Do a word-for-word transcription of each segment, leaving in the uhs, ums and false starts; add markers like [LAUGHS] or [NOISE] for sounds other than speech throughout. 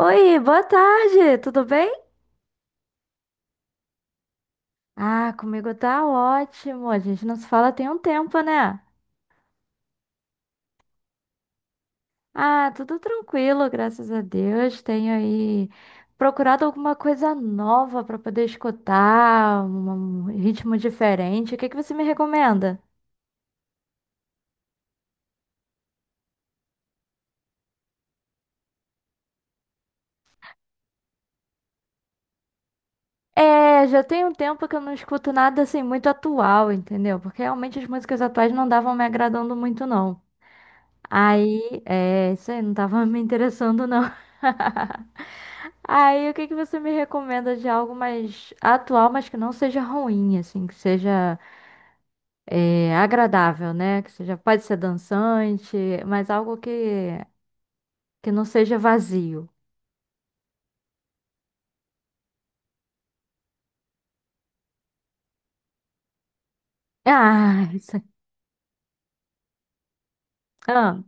Oi, boa tarde, tudo bem? Ah, comigo tá ótimo. A gente não se fala tem um tempo, né? Ah, tudo tranquilo, graças a Deus. Tenho aí procurado alguma coisa nova pra poder escutar, um um ritmo diferente. O que que você me recomenda? É, já tem um tempo que eu não escuto nada assim muito atual, entendeu? Porque realmente as músicas atuais não davam me agradando muito, não. Aí, é, isso aí não tava me interessando, não. [LAUGHS] Aí, o que que você me recomenda de algo mais atual, mas que não seja ruim, assim, que seja é, agradável, né? Que seja, pode ser dançante, mas algo que, que não seja vazio. [LAUGHS] Ah, isso aí. Ah,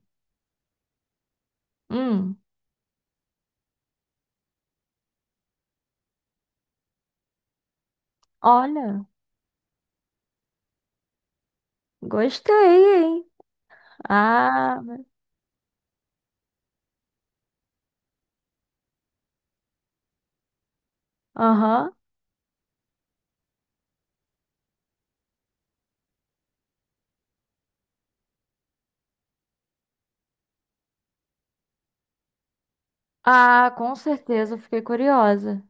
hum, olha, gostei, hein? Ah, aham. Ah, com certeza, eu fiquei curiosa.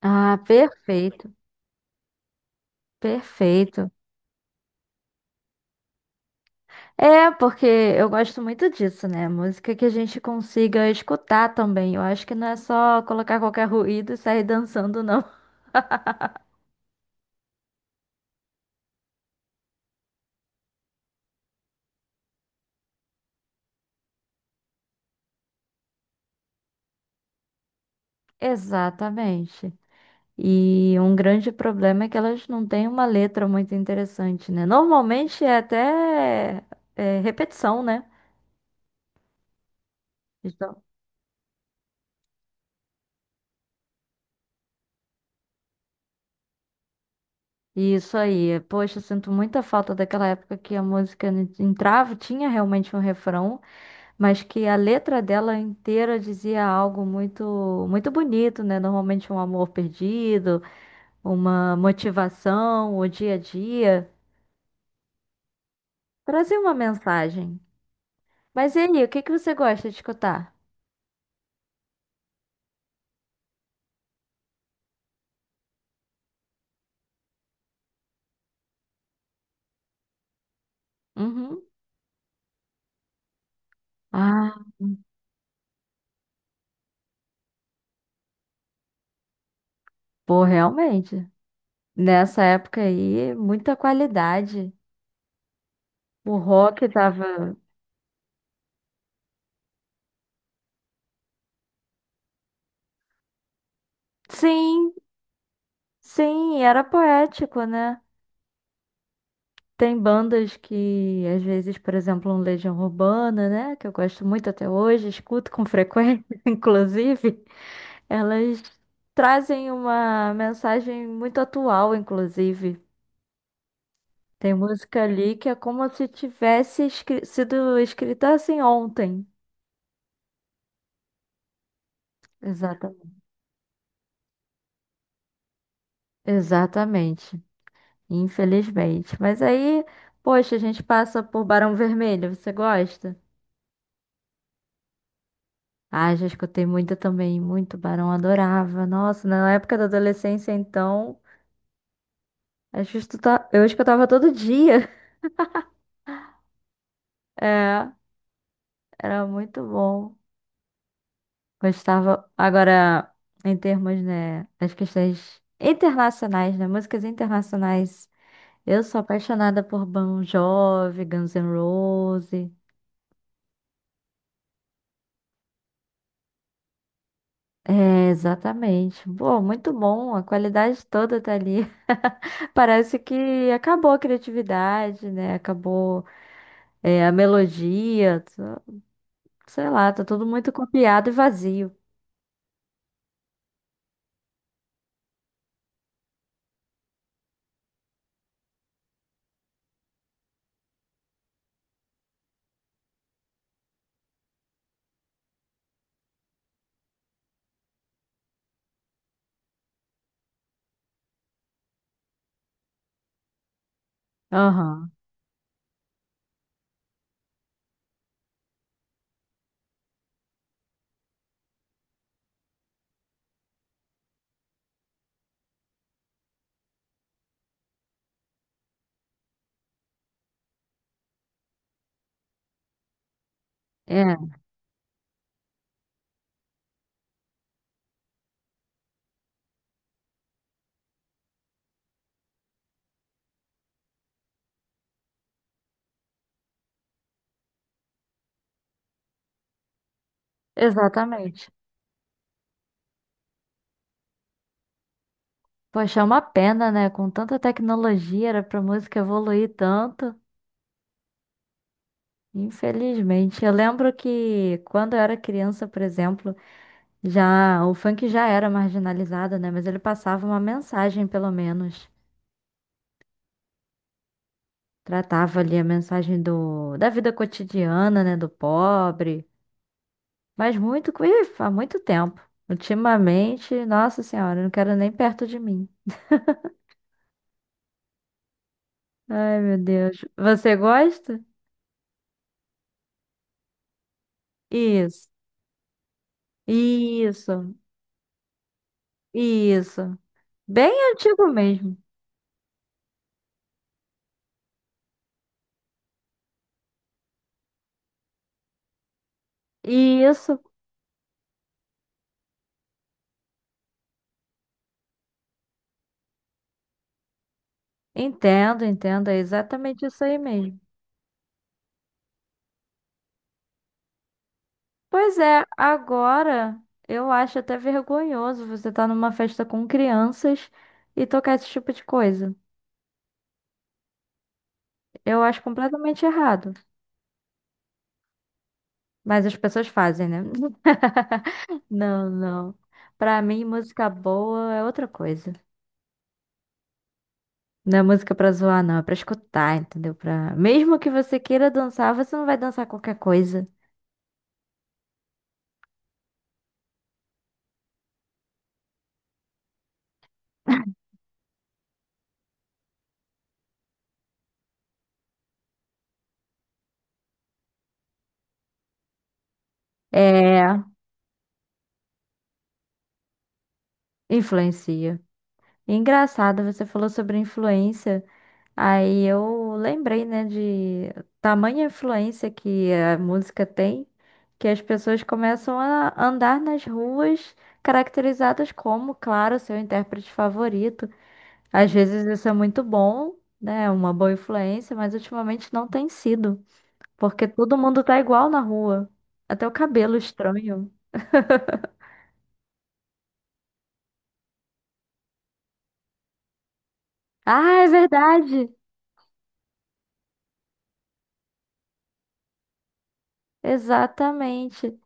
Ah, perfeito, perfeito. É, porque eu gosto muito disso, né? Música que a gente consiga escutar também. Eu acho que não é só colocar qualquer ruído e sair dançando, não. [LAUGHS] Exatamente. E um grande problema é que elas não têm uma letra muito interessante, né? Normalmente é até é, repetição, né? Então, isso aí. Poxa, eu sinto muita falta daquela época que a música entrava, tinha realmente um refrão. Mas que a letra dela inteira dizia algo muito muito bonito, né? Normalmente um amor perdido, uma motivação, o dia a dia, trazia uma mensagem. Mas e aí, o que que você gosta de escutar? Uhum. Ah, pô, realmente. Nessa época aí, muita qualidade. O rock tava. Sim, sim, era poético, né? Tem bandas que, às vezes, por exemplo, um Legião Urbana, né? Que eu gosto muito até hoje, escuto com frequência, [LAUGHS] inclusive. Elas trazem uma mensagem muito atual, inclusive. Tem música ali que é como se tivesse escri- sido escrita assim ontem. Exatamente. Exatamente. Infelizmente. Mas aí, poxa, a gente passa por Barão Vermelho. Você gosta? Ah, já escutei muito também, muito Barão, adorava. Nossa, na época da adolescência, então, eu escuta- eu escutava todo dia. [LAUGHS] É, era muito bom. Gostava. Agora, em termos, né, das questões internacionais, né, músicas internacionais, eu sou apaixonada por Bon Jovi, Guns N' Roses. É, exatamente. Pô, muito bom, a qualidade toda tá ali. [LAUGHS] Parece que acabou a criatividade, né? Acabou. É, a melodia, tá- sei lá, tá tudo muito copiado e vazio. Aham, é, exatamente. Poxa, é uma pena, né? Com tanta tecnologia, era pra música evoluir tanto. Infelizmente. Eu lembro que quando eu era criança, por exemplo, já o funk já era marginalizado, né? Mas ele passava uma mensagem, pelo menos. Tratava ali a mensagem do, da vida cotidiana, né? Do pobre. Mas muito, ih, há muito tempo. Ultimamente, nossa senhora, não quero nem perto de mim. Ai, meu Deus. Você gosta? Isso. Isso. Isso. Bem antigo mesmo. Isso. Entendo, entendo. É exatamente isso aí mesmo. Pois é, agora eu acho até vergonhoso você estar numa festa com crianças e tocar esse tipo de coisa. Eu acho completamente errado. Mas as pessoas fazem, né? [LAUGHS] Não, não. Pra mim, música boa é outra coisa. Não é música pra zoar, não. É pra escutar, entendeu? Pra... Mesmo que você queira dançar, você não vai dançar qualquer coisa. É, influencia. Engraçado, você falou sobre influência. Aí eu lembrei, né, de tamanha influência que a música tem, que as pessoas começam a andar nas ruas caracterizadas como, claro, seu intérprete favorito. Às vezes isso é muito bom, né? é Uma boa influência, mas ultimamente não tem sido, porque todo mundo tá igual na rua. Até o cabelo estranho. Ah, é verdade! Exatamente.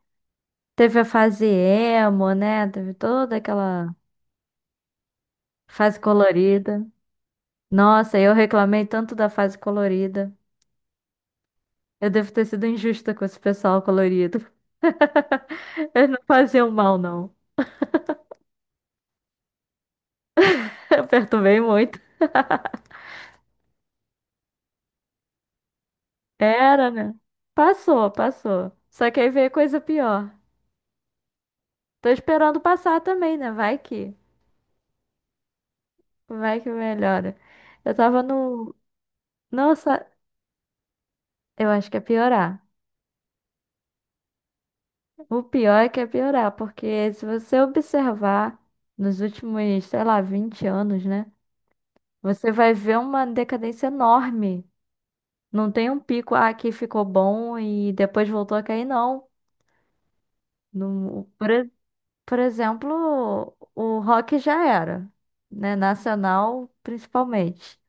Teve a fase emo, né? Teve toda aquela fase colorida. Nossa, eu reclamei tanto da fase colorida. Eu devo ter sido injusta com esse pessoal colorido. [LAUGHS] Eles não faziam mal, não. [LAUGHS] Eu perturbei muito. Era, né? Passou, passou. Só que aí veio coisa pior. Tô esperando passar também, né? Vai que, vai que melhora. Eu tava no. Nossa, eu acho que é piorar. O pior é que é piorar, porque se você observar nos últimos, sei lá, vinte anos, né? Você vai ver uma decadência enorme. Não tem um pico, ah, aqui ficou bom e depois voltou a cair, não. No, por, e- por exemplo, o rock já era, né? Nacional, principalmente.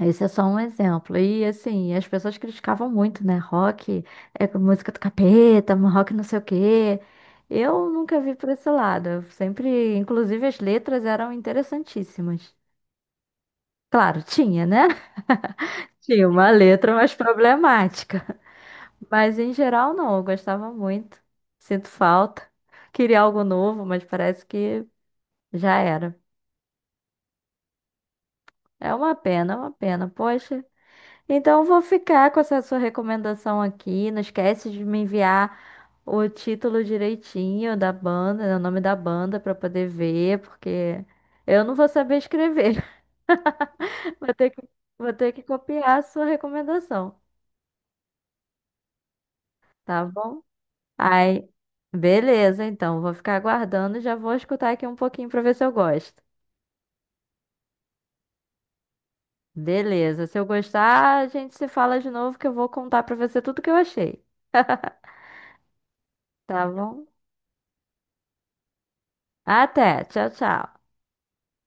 Esse é só um exemplo. E assim, as pessoas criticavam muito, né? Rock é música do capeta, rock não sei o quê. Eu nunca vi por esse lado. Eu sempre, inclusive, as letras eram interessantíssimas. Claro, tinha, né? [LAUGHS] Tinha uma letra mais problemática. Mas em geral, não. Eu gostava muito. Sinto falta. Queria algo novo, mas parece que já era. É uma pena, é uma pena. Poxa. Então, eu vou ficar com essa sua recomendação aqui. Não esquece de me enviar o título direitinho da banda, né, o nome da banda para poder ver, porque eu não vou saber escrever. [LAUGHS] Vou ter que, vou ter que copiar a sua recomendação, tá bom? Aí, beleza, então, vou ficar aguardando e já vou escutar aqui um pouquinho para ver se eu gosto. Beleza, se eu gostar, a gente se fala de novo que eu vou contar para você tudo que eu achei, tá bom? Até, tchau, tchau.